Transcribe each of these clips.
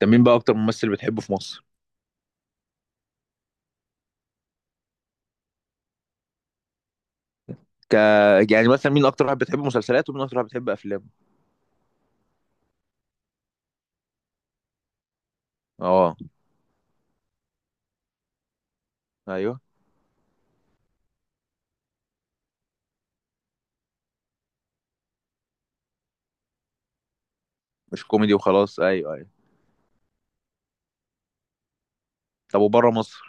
طب مين بقى اكتر ممثل بتحبه في مصر؟ ك... يعني مثلا مين اكتر واحد بتحب مسلسلاته ومين اكتر واحد بتحب افلامه؟ اه، ايوه مش كوميدي وخلاص، ايوه ايوه. طب وبره مصر؟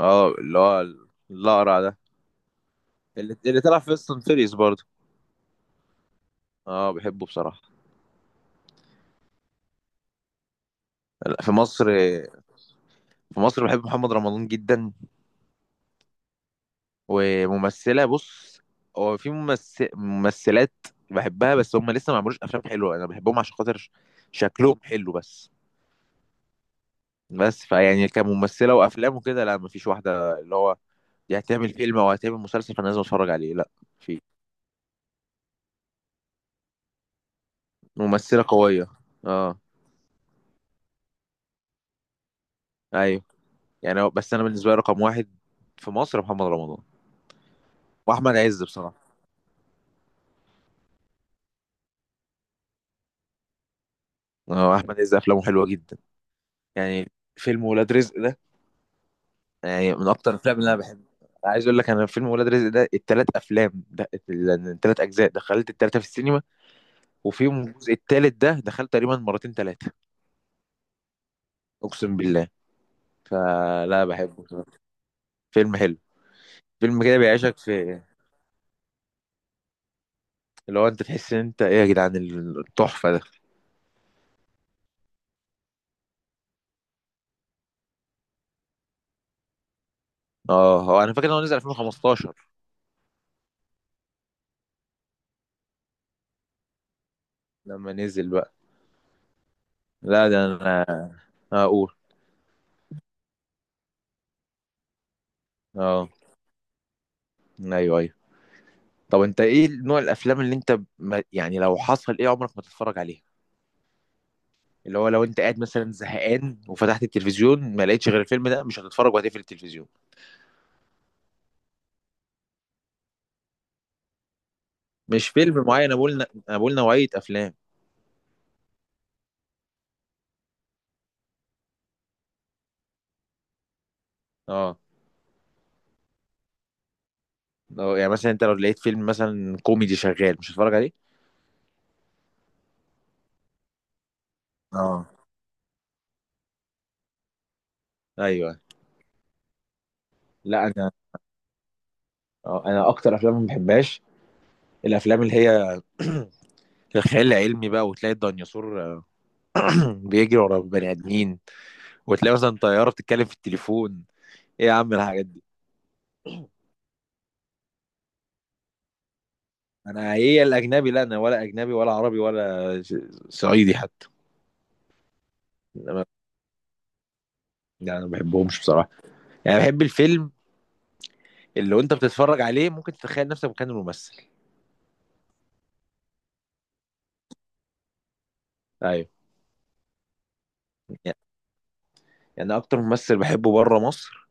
اه اللي هو الاقرع ده. اللي طلع في فيست اند فيريس برضه. اه بحبه بصراحه. لا، في مصر. في مصر بحب محمد رمضان جدا. وممثله بص، هو في ممثلات بحبها، بس هم لسه ما عملوش افلام حلوه، انا بحبهم عشان خاطر شكلهم حلو بس. بس فيعني كممثله وافلام وكده لا، مفيش واحده اللي هو دي هتعمل فيلم او هتعمل مسلسل فانا لازم اتفرج عليه، لا. في ممثله قويه. اه ايوه. يعني بس انا بالنسبه لي رقم واحد في مصر محمد رمضان، واحمد عز بصراحه. اه احمد عز افلامه حلوه جدا، يعني فيلم ولاد رزق ده يعني من اكتر الافلام اللي انا بحبها. عايز اقول لك انا فيلم ولاد رزق ده التلات افلام ده التلات اجزاء دخلت التلاته في السينما، وفيهم الجزء التالت ده دخلت تقريبا مرتين تلاته. اقسم بالله، فلا بحبه بصراحة. فيلم حلو. فيلم كده بيعيشك في اللي هو انت تحس ان انت ايه يا جدعان، التحفه ده. اه هو انا فاكر ان هو نزل 2015 لما نزل بقى. لا ده انا اقول. اه ايوه ايوه. طب انت ايه نوع الافلام اللي انت ما يعني لو حصل ايه عمرك ما تتفرج عليها؟ اللي هو لو انت قاعد مثلا زهقان وفتحت التلفزيون ما لقيتش غير الفيلم ده مش هتتفرج وهتقفل التلفزيون. مش فيلم معين، انا بقول نوعيه افلام. اه يعني مثلا انت لو لقيت فيلم مثلا كوميدي شغال مش هتتفرج عليه؟ اه ايوه. لا انا انا اكتر افلام ما بحبهاش الافلام اللي هي الخيال العلمي بقى، وتلاقي الديناصور بيجري ورا بني ادمين، وتلاقي مثلا طياره بتتكلم في التليفون. ايه يا عم الحاجات دي. انا ايه الاجنبي، لا انا ولا اجنبي ولا عربي ولا صعيدي حتى. انا يعني أنا ما بحبهمش بصراحه. يعني بحب الفيلم اللي وانت بتتفرج عليه ممكن تتخيل نفسك مكان الممثل. ايوه. يعني يعني أنا اكتر ممثل بحبه بره مصر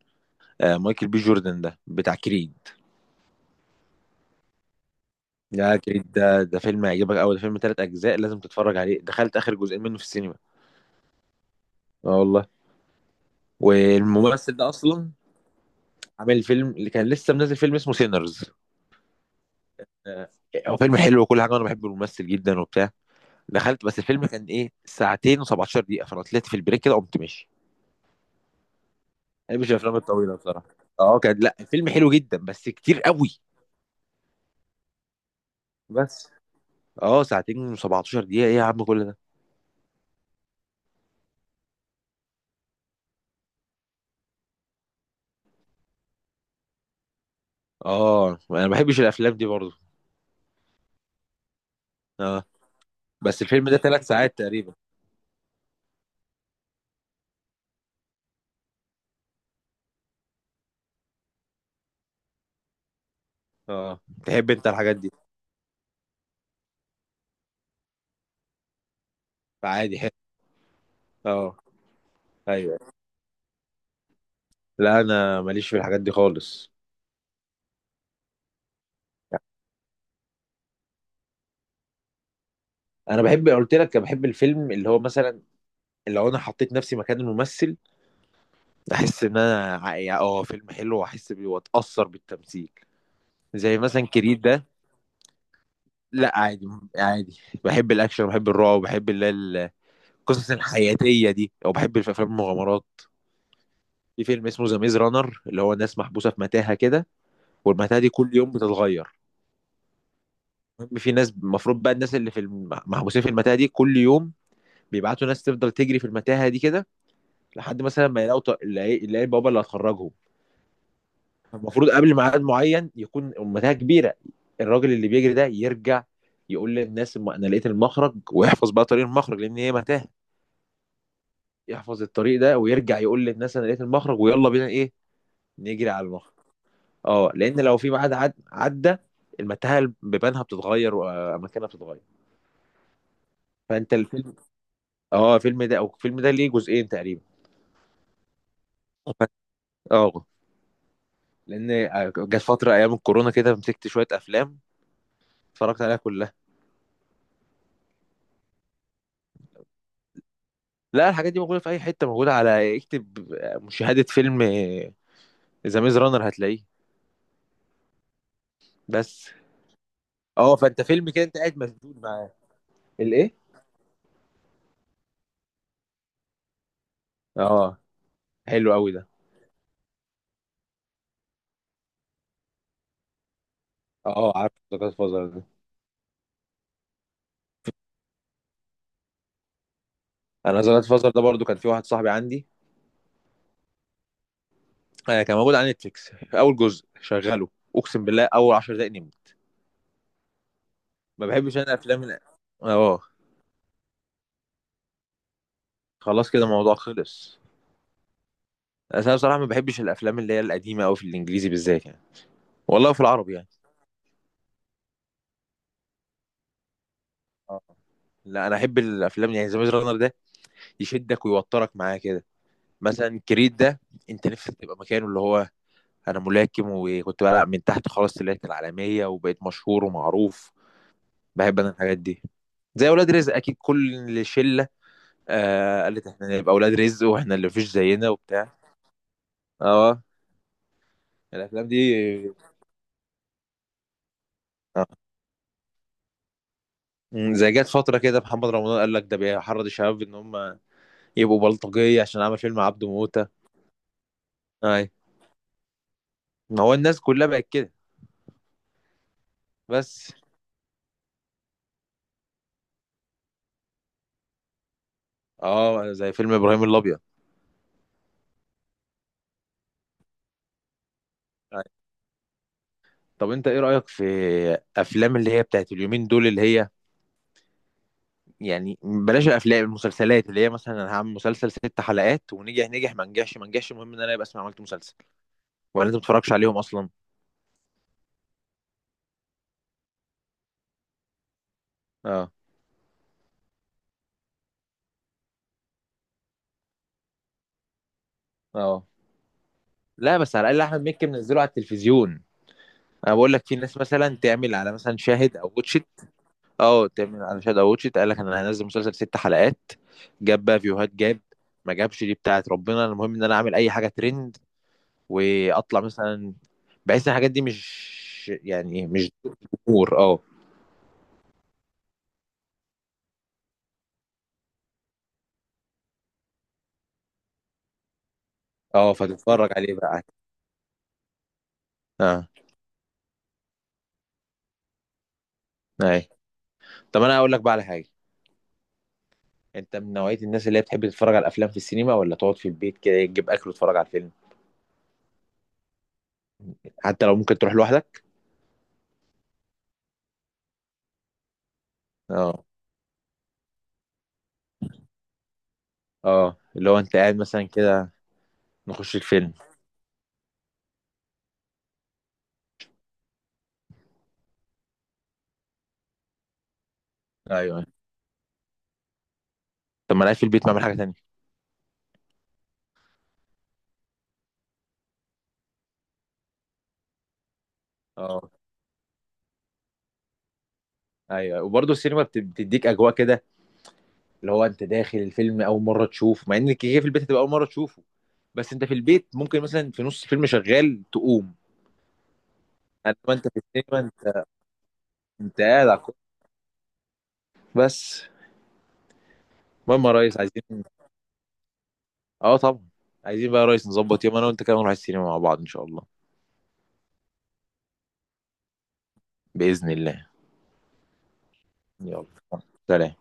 مايكل بي جوردن ده بتاع كريد. ده كريد ده فيلم هيعجبك قوي، ده فيلم 3 اجزاء لازم تتفرج عليه، دخلت اخر جزئين منه في السينما. اه والله. والممثل ده اصلا عامل فيلم، اللي كان لسه منزل فيلم اسمه سينرز. هو فيلم حلو وكل حاجه، وانا بحب الممثل جدا وبتاع. دخلت بس الفيلم كان ايه ساعتين و17 دقيقه، فانا طلعت في البريك كده قمت ماشي. ما بحبش الافلام الطويله بصراحه. اه كان، لا الفيلم حلو جدا بس كتير قوي. بس اه، ساعتين و17 دقيقه ايه يا عم كل ده. اه انا ما بحبش الافلام دي برضه. اه بس الفيلم ده 3 ساعات تقريبا. اه تحب انت الحاجات دي فعادي حلو. اه ايوه. لا انا ماليش في الحاجات دي خالص. انا بحب، قلت لك انا بحب الفيلم اللي هو مثلا لو انا حطيت نفسي مكان الممثل احس ان انا يعني اه فيلم حلو واحس بيه واتاثر بالتمثيل. زي مثلا كريد ده. لا عادي. عادي بحب الاكشن، بحب الرعب، بحب اللي هي القصص الحياتيه دي، او بحب في افلام المغامرات. في فيلم اسمه ذا ميز رانر اللي هو ناس محبوسه في متاهه كده، والمتاهه دي كل يوم بتتغير. المهم في ناس المفروض بقى، الناس اللي في محبوسين في المتاهه دي كل يوم بيبعتوا ناس تفضل تجري في المتاهه دي كده، لحد مثلا ما يلاقوا يلاقي البوابه اللي هتخرجهم. المفروض قبل ميعاد معين يكون المتاهه كبيره، الراجل اللي بيجري ده يرجع يقول للناس ما انا لقيت المخرج، ويحفظ بقى طريق المخرج لان هي متاهه، يحفظ الطريق ده ويرجع يقول للناس انا لقيت المخرج ويلا بينا ايه نجري على المخرج. اه لان لو في ميعاد عدى المتاهه بيبانها بتتغير واماكنها بتتغير. فانت الفيلم، اه الفيلم ده، او الفيلم ده ليه جزئين تقريبا. اه لان جت فتره ايام الكورونا كده مسكت شويه افلام اتفرجت عليها كلها. لا الحاجات دي موجودة في أي حتة، موجودة على اكتب مشاهدة فيلم ذا ميز رانر هتلاقيه. بس. اه فأنت فيلم كده أنت قاعد مسدود معاه الإيه؟ اه حلو قوي ده. اه عارف ذا جاد فازر ده. أنا ذا جاد فازر ده برضو كان في واحد صاحبي عندي كان موجود على نتفليكس في أول جزء شغله. أقسم بالله أول 10 دقايق نمت. ما بحبش أنا أفلام اه خلاص كده الموضوع خلص. أصل أنا بصراحة ما بحبش الأفلام اللي هي القديمة أوي في الإنجليزي بالذات يعني، والله في العربي يعني. اه لا انا احب الافلام، يعني ذا ميز رانر ده يشدك ويوترك معاه كده. مثلا كريد ده انت نفسك تبقى مكانه، اللي هو انا ملاكم وكنت بلعب من تحت خلاص طلعت العالميه وبقيت مشهور ومعروف. بحب انا الحاجات دي. زي اولاد رزق اكيد كل شله آه قالت احنا نبقى اولاد رزق واحنا اللي مفيش زينا وبتاع. اه الافلام دي. آه. زي جت فتره كده محمد رمضان قال لك ده بيحرض الشباب ان هم يبقوا بلطجيه عشان عمل فيلم عبده موته. اي ما هو الناس كلها بقت كده. بس اه زي فيلم ابراهيم الابيض. طب انت ايه رأيك في افلام اللي هي بتاعت اليومين دول اللي هي، يعني بلاش الافلام، المسلسلات اللي هي مثلا انا هعمل مسلسل 6 حلقات ونجح نجح ما نجحش ما نجحش المهم ان انا يبقى اسمي عملت مسلسل، ولا انت ما بتتفرجش عليهم اصلا؟ اه اه. لا بس على الاقل احمد مكي منزله على التلفزيون. انا بقول لك في ناس مثلا تعمل على مثلا شاهد او واتشت، اه تعمل على شاهد او واتشت قال لك انا هنزل مسلسل 6 حلقات، جاب بقى فيوهات، جاب ما جابش دي بتاعت ربنا، المهم ان انا اعمل اي حاجه ترند واطلع مثلا. بحس ان الحاجات دي مش يعني إيه، مش جمهور اه. اه فتتفرج عليه بقى. اه اي. طب انا اقول لك بقى على حاجه، انت من نوعيه الناس اللي هي بتحب تتفرج على الافلام في السينما، ولا تقعد في البيت كده تجيب اكل وتتفرج على الفيلم؟ حتى لو ممكن تروح لوحدك؟ اه اه اللي هو انت قاعد مثلا كده نخش الفيلم. ايوه أيوة. طب ما انا قاعد في البيت ما اعمل حاجه تانية. اه ايوه وبرضه السينما بتديك اجواء كده، اللي هو انت داخل الفيلم اول مره تشوف، مع ان كده كده في البيت هتبقى اول مره تشوف. بس انت في البيت ممكن مثلا في نص فيلم شغال تقوم. انما انت في السينما انت قاعد على بس. المهم يا ريس، عايزين اه طبعا، عايزين بقى يا ريس نظبط يوم انا وانت كده نروح السينما مع بعض ان شاء الله. باذن الله. يلا. سلام.